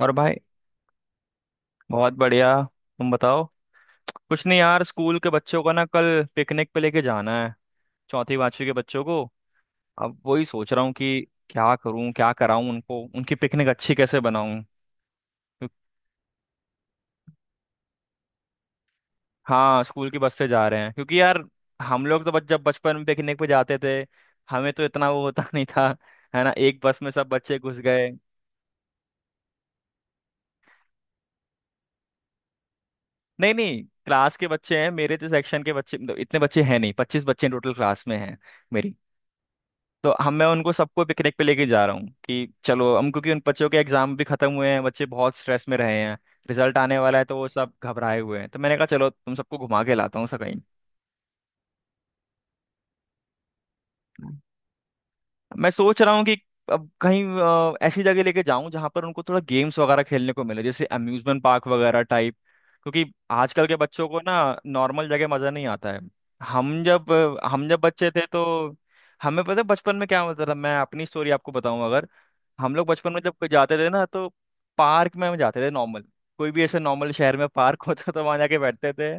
और भाई। बहुत बढ़िया, तुम बताओ। कुछ नहीं यार, स्कूल के बच्चों का ना कल पिकनिक पे लेके जाना है। चौथी पांचवी के बच्चों को। अब वही सोच रहा हूँ कि क्या करूँ, क्या कराऊँ उनको, उनकी पिकनिक अच्छी कैसे बनाऊँ। क्यों- हाँ स्कूल की बस से जा रहे हैं, क्योंकि यार हम लोग तो जब बचपन में पिकनिक पे जाते थे हमें तो इतना वो होता नहीं था, है ना। एक बस में सब बच्चे घुस गए। नहीं नहीं, क्लास के बच्चे हैं मेरे, तो सेक्शन के बच्चे मतलब इतने बच्चे हैं नहीं, 25 बच्चे टोटल क्लास में हैं मेरी। तो हम मैं उनको सबको पिकनिक पे लेके जा रहा हूँ कि चलो हम, क्योंकि उन बच्चों के एग्जाम भी खत्म हुए हैं, बच्चे बहुत स्ट्रेस में रहे हैं। रिजल्ट आने वाला है तो वो सब घबराए हुए हैं, तो मैंने कहा चलो तुम सबको घुमा के लाता हूँ सब कहीं। मैं सोच रहा हूँ कि अब कहीं ऐसी जगह लेके जाऊं जहां पर उनको थोड़ा गेम्स वगैरह खेलने को मिले, जैसे अम्यूजमेंट पार्क वगैरह टाइप। क्योंकि आजकल के बच्चों को ना नॉर्मल जगह मजा नहीं आता है। हम जब हम जब बच्चे थे तो हमें पता है बचपन में क्या होता था। मैं अपनी स्टोरी आपको बताऊं अगर। हम लोग बचपन में जब कहीं जाते थे ना, तो पार्क में हम जाते थे नॉर्मल, कोई भी ऐसे नॉर्मल शहर में पार्क होता था तो वहां जाके बैठते थे।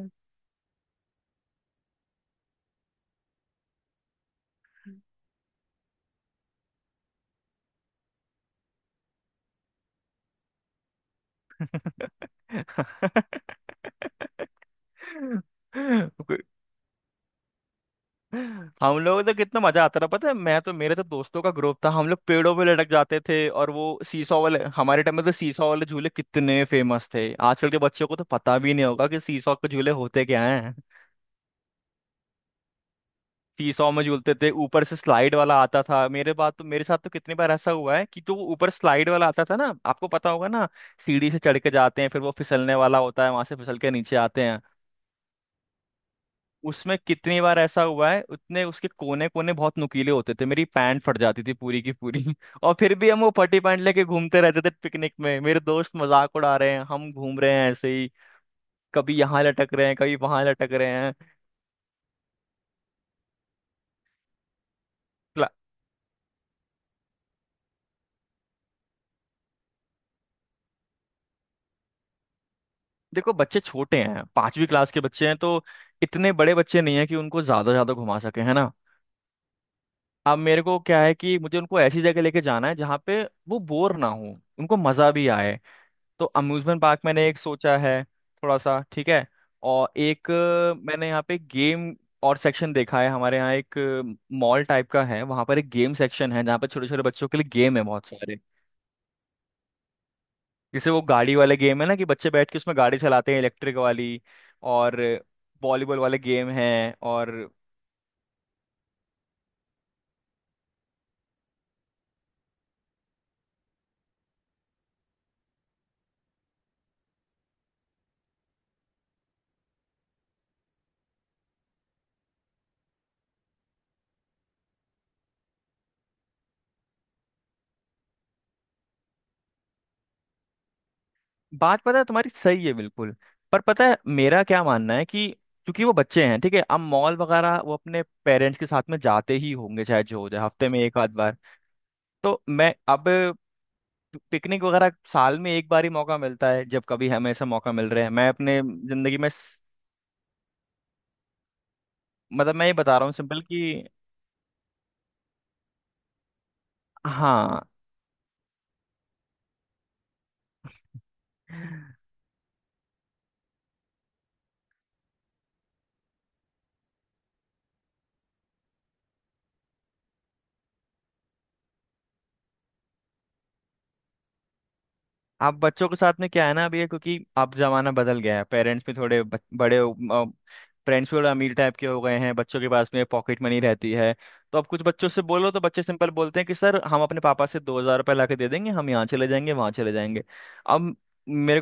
हम लोग तो कितना मजा आता था, पता है। मैं तो, मेरे तो दोस्तों का ग्रुप था, हम लोग पेड़ों पे लटक जाते थे। और वो सीसॉ वाले, हमारे टाइम में तो सीसॉ वाले झूले कितने फेमस थे, आजकल के बच्चों को तो पता भी नहीं होगा कि सीसॉ के झूले होते क्या हैं। सीसॉ में झूलते थे, ऊपर से स्लाइड वाला आता था। मेरे साथ तो कितनी बार ऐसा हुआ है कि जो वो ऊपर स्लाइड वाला आता था ना, आपको पता होगा ना, सीढ़ी से चढ़ के जाते हैं फिर वो फिसलने वाला होता है, वहां से फिसल के नीचे आते हैं। उसमें कितनी बार ऐसा हुआ है, उतने उसके कोने कोने बहुत नुकीले होते थे, मेरी पैंट फट जाती थी पूरी की पूरी और फिर भी हम वो फटी पैंट लेके घूमते रहते थे पिकनिक में, मेरे दोस्त मजाक उड़ा रहे हैं, हम घूम रहे हैं ऐसे ही, कभी यहाँ लटक रहे हैं कभी वहां लटक रहे हैं। क्ला- देखो बच्चे छोटे हैं, पांचवी क्लास के बच्चे हैं, तो इतने बड़े बच्चे नहीं है कि उनको ज्यादा ज्यादा घुमा सके, है ना। अब मेरे को क्या है कि मुझे उनको ऐसी जगह लेके जाना है जहाँ पे वो बोर ना हो, उनको मजा भी आए। तो अम्यूजमेंट पार्क मैंने एक सोचा है थोड़ा सा, ठीक है। और एक मैंने यहाँ पे गेम और सेक्शन देखा है, हमारे यहाँ एक मॉल टाइप का है, वहाँ पर एक गेम सेक्शन है जहाँ पे छोटे छोटे बच्चों के लिए गेम है बहुत सारे। जैसे वो गाड़ी वाले गेम है ना कि बच्चे बैठ के उसमें गाड़ी चलाते हैं, इलेक्ट्रिक वाली। और वॉलीबॉल वाले गेम हैं, और बात पता है तुम्हारी सही है बिल्कुल। पर पता है मेरा क्या मानना है कि क्योंकि वो बच्चे हैं, ठीक है, अब मॉल वगैरह वो अपने पेरेंट्स के साथ में जाते ही होंगे, चाहे जो हो जाए, हफ्ते में एक आध बार। तो मैं अब पिकनिक वगैरह साल में एक बार ही मौका मिलता है, जब कभी हमें ऐसा मौका मिल रहा है। मैं अपने जिंदगी में स- मतलब मैं ये बता रहा हूँ सिंपल कि हाँ। आप बच्चों के साथ में क्या है ना अभी ये, क्योंकि अब जमाना बदल गया है, पेरेंट्स भी थोड़े बड़े, पेरेंट्स भी थोड़े अमीर टाइप के हो गए हैं, बच्चों के पास में पॉकेट मनी रहती है। तो अब कुछ बच्चों से बोलो तो बच्चे सिंपल बोलते हैं कि सर हम अपने पापा से ₹2,000 ला के दे देंगे, हम यहाँ चले जाएंगे, वहाँ चले जाएंगे। अब मेरे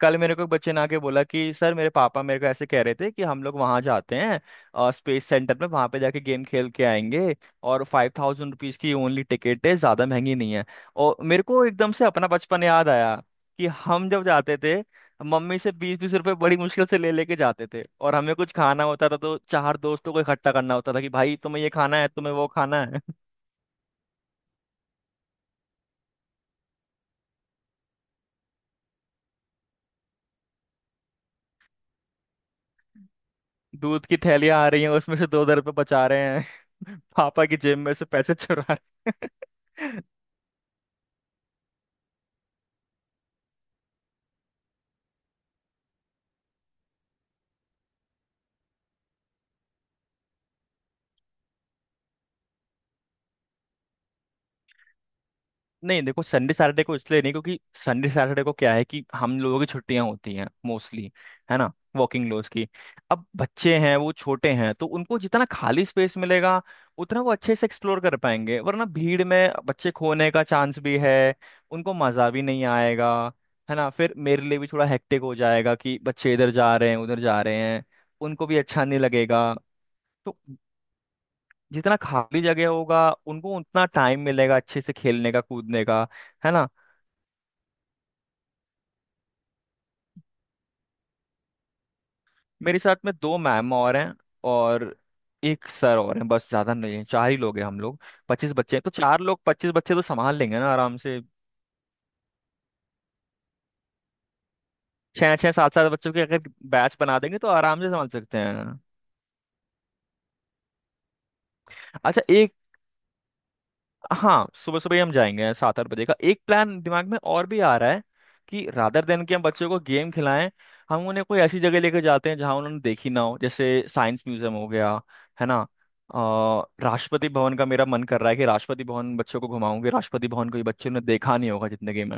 कल मेरे को एक बच्चे ने आके बोला कि सर मेरे पापा मेरे को ऐसे कह रहे थे कि हम लोग वहाँ जाते हैं, और स्पेस सेंटर में वहाँ पे जाके गेम खेल के आएंगे, और 5,000 रुपीज़ की ओनली टिकट है, ज़्यादा महंगी नहीं है। और मेरे को एकदम से अपना बचपन याद आया कि हम जब जाते थे, मम्मी से 20-20 रुपए बड़ी मुश्किल से ले लेके जाते थे, और हमें कुछ खाना होता था तो चार दोस्तों को इकट्ठा करना होता था कि भाई तुम्हें ये खाना है तुम्हें वो खाना है। दूध की थैलियाँ आ रही हैं उसमें से दो दो रुपए बचा रहे हैं, पापा की जेब में से पैसे चुरा रहे हैं। नहीं देखो संडे सैटरडे को इसलिए नहीं, क्योंकि संडे सैटरडे को क्या है कि हम लोगों की छुट्टियां होती हैं मोस्टली, है ना, वर्किंग लोज की। अब बच्चे हैं, वो छोटे हैं, तो उनको जितना खाली स्पेस मिलेगा उतना वो अच्छे से एक्सप्लोर कर पाएंगे, वरना भीड़ में बच्चे खोने का चांस भी है, उनको मजा भी नहीं आएगा, है ना। फिर मेरे लिए भी थोड़ा हेक्टिक हो जाएगा कि बच्चे इधर जा रहे हैं उधर जा रहे हैं, उनको भी अच्छा नहीं लगेगा। तो जितना खाली जगह होगा उनको उतना टाइम मिलेगा अच्छे से खेलने का, कूदने का, है ना। मेरे साथ में दो मैम और हैं, और एक सर और हैं, बस ज्यादा नहीं है, चार ही लोग हैं हम लोग। 25 बच्चे हैं, तो चार लोग 25 बच्चे तो संभाल लेंगे ना आराम से। छः छः सात सात बच्चों के अगर बैच बना देंगे तो आराम से संभाल सकते हैं। अच्छा एक, हाँ सुबह सुबह ही हम जाएंगे, 7-8 बजे का। एक प्लान दिमाग में और भी आ रहा है कि रादर देन कि हम बच्चों को गेम खिलाएं, हम उन्हें कोई ऐसी जगह लेकर जाते हैं जहां उन्होंने देखी ना हो, जैसे साइंस म्यूजियम हो गया, है ना। अ, राष्ट्रपति भवन का मेरा मन कर रहा है कि राष्ट्रपति भवन बच्चों को घुमाऊंगे, राष्ट्रपति भवन को ये बच्चों ने देखा नहीं होगा, जितने गेम।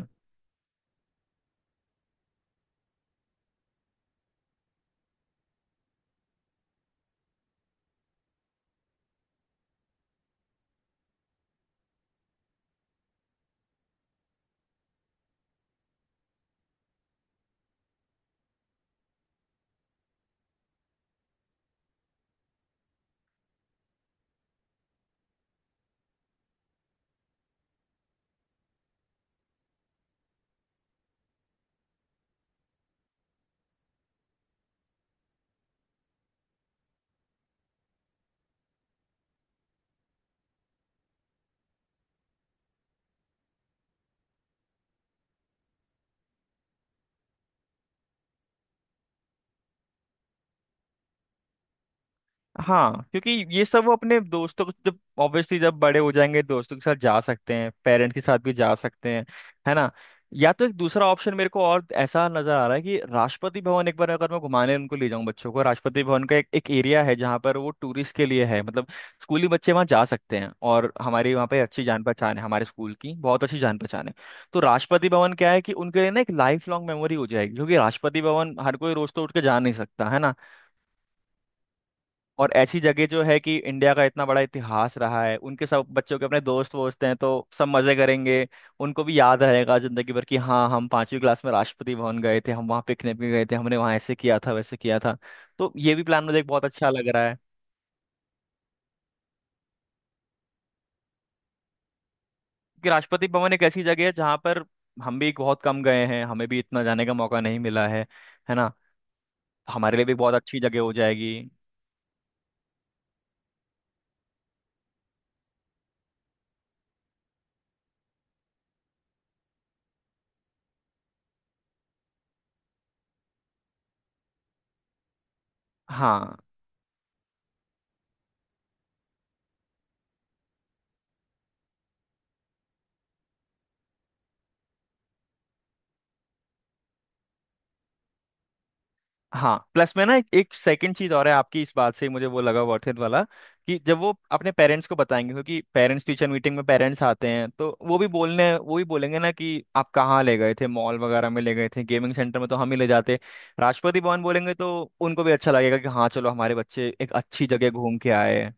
हाँ क्योंकि ये सब वो अपने दोस्तों को जब ऑब्वियसली जब बड़े हो जाएंगे दोस्तों के साथ जा सकते हैं, पेरेंट्स के साथ भी जा सकते हैं, है ना। या तो एक दूसरा ऑप्शन मेरे को और ऐसा नजर आ रहा है कि राष्ट्रपति भवन एक बार अगर मैं घुमाने उनको ले जाऊं बच्चों को। राष्ट्रपति भवन का एक एरिया है जहाँ पर वो टूरिस्ट के लिए है, मतलब स्कूली बच्चे वहाँ जा सकते हैं, और हमारी वहाँ पे अच्छी जान पहचान है, हमारे स्कूल की बहुत अच्छी जान पहचान है। तो राष्ट्रपति भवन क्या है कि उनके लिए ना एक लाइफ लॉन्ग मेमोरी हो जाएगी, क्योंकि राष्ट्रपति भवन हर कोई रोज तो उठ के जा नहीं सकता है ना। और ऐसी जगह जो है कि इंडिया का इतना बड़ा इतिहास रहा है, उनके सब बच्चों के अपने दोस्त वोस्त हैं तो सब मजे करेंगे। उनको भी याद रहेगा जिंदगी भर कि हाँ हम पांचवी क्लास में राष्ट्रपति भवन गए थे, हम वहाँ पिकनिक में गए थे, हमने वहाँ ऐसे किया था वैसे किया था। तो ये भी प्लान मुझे बहुत अच्छा लग रहा है कि राष्ट्रपति भवन एक ऐसी जगह है जहाँ पर हम भी बहुत कम गए हैं, हमें भी इतना जाने का मौका नहीं मिला है ना, हमारे लिए भी बहुत अच्छी जगह हो जाएगी। हाँ हाँ, प्लस में ना एक सेकंड चीज और है, आपकी इस बात से ही मुझे वो लगा वर्थ इट वाला कि जब वो अपने पेरेंट्स को बताएंगे, क्योंकि पेरेंट्स टीचर मीटिंग में पेरेंट्स आते हैं तो वो भी बोलने, वो भी बोलेंगे ना कि आप कहाँ ले गए थे, मॉल वगैरह में ले गए थे, गेमिंग सेंटर में तो हम ही ले जाते। राष्ट्रपति भवन बोलेंगे तो उनको भी अच्छा लगेगा कि हाँ चलो हमारे बच्चे एक अच्छी जगह घूम के आए हैं।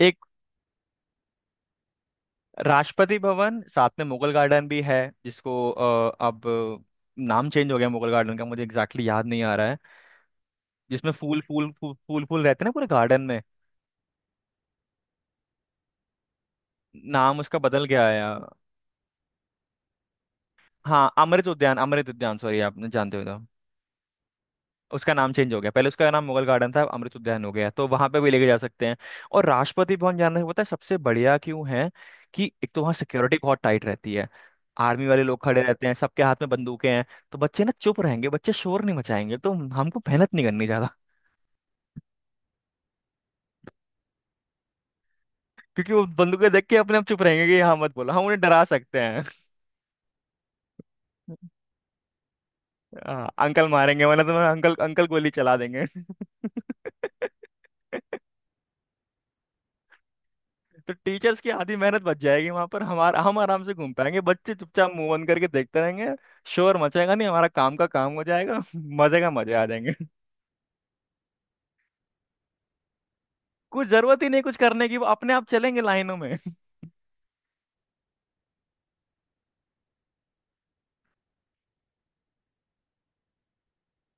एक राष्ट्रपति भवन साथ में मुगल गार्डन भी है, जिसको अब नाम चेंज हो गया मुगल गार्डन का, मुझे एग्जैक्टली याद नहीं आ रहा है। जिसमें फूल फूल फूल फूल फूल रहते हैं ना पूरे गार्डन में, नाम उसका बदल गया है। हाँ अमृत उद्यान, अमृत उद्यान, सॉरी आपने जानते हो तो। उसका नाम चेंज हो गया, पहले उसका नाम मुगल गार्डन था, अब अमृत उद्यान हो गया, तो वहां पे भी लेके जा सकते हैं। और राष्ट्रपति भवन जाना पता है सबसे बढ़िया क्यों है, कि एक तो वहाँ सिक्योरिटी बहुत टाइट रहती है, आर्मी वाले लोग खड़े रहते हैं, सबके हाथ में बंदूकें हैं। तो बच्चे ना चुप रहेंगे, बच्चे शोर नहीं मचाएंगे, तो हमको मेहनत नहीं करनी ज्यादा। क्योंकि वो बंदूकें देख के अपने आप चुप रहेंगे कि हाँ मत बोलो, हम उन्हें डरा सकते हैं। हाँ अंकल मारेंगे, वरना तुम्हें अंकल अंकल गोली चला देंगे। तो टीचर्स की आधी मेहनत बच जाएगी वहां पर, हमारा हम आराम से घूम पाएंगे, बच्चे चुपचाप मूव ऑन करके देखते रहेंगे, शोर मचेगा नहीं, हमारा काम का काम हो जाएगा। मजे का मजे आ जाएंगे। कुछ जरूरत ही नहीं कुछ करने की, वो अपने आप चलेंगे लाइनों में।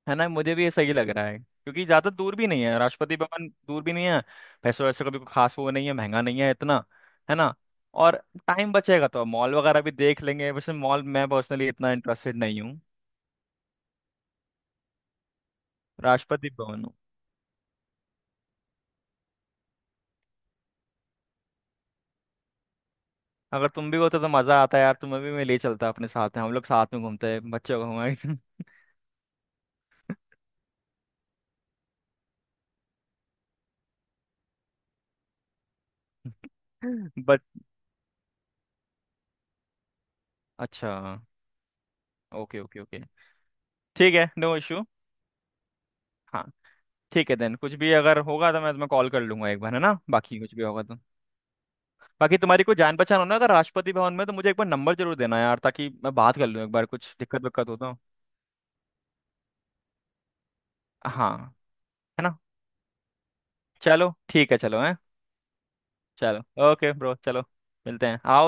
है ना, मुझे भी ये सही लग रहा है, क्योंकि ज्यादा दूर भी नहीं है, राष्ट्रपति भवन दूर भी नहीं है। पैसों वैसे का भी कोई खास वो नहीं है, महंगा नहीं है इतना, है ना। और टाइम बचेगा तो मॉल वगैरह भी देख लेंगे, वैसे मॉल मैं पर्सनली इतना इंटरेस्टेड नहीं हूँ। राष्ट्रपति भवन हूँ। अगर तुम भी होते तो मजा आता यार, तुम्हें भी मैं ले चलता अपने साथ में, हम लोग साथ में घूमते हैं, बच्चे को घुमाए। बट अच्छा, ओके ओके ओके, ठीक है, नो इशू। हाँ। ठीक है देन, कुछ भी अगर होगा तो मैं तुम्हें कॉल कर लूंगा एक बार, है ना, बाकी कुछ भी होगा तो। बाकी तुम्हारी कोई जान पहचान हो ना अगर राष्ट्रपति भवन में तो मुझे एक बार नंबर जरूर देना यार, ताकि मैं बात कर लूँ एक बार, कुछ दिक्कत विक्कत होता हो तो, हाँ, है ना। चलो ठीक है चलो है, चलो ओके ब्रो चलो, मिलते हैं आप।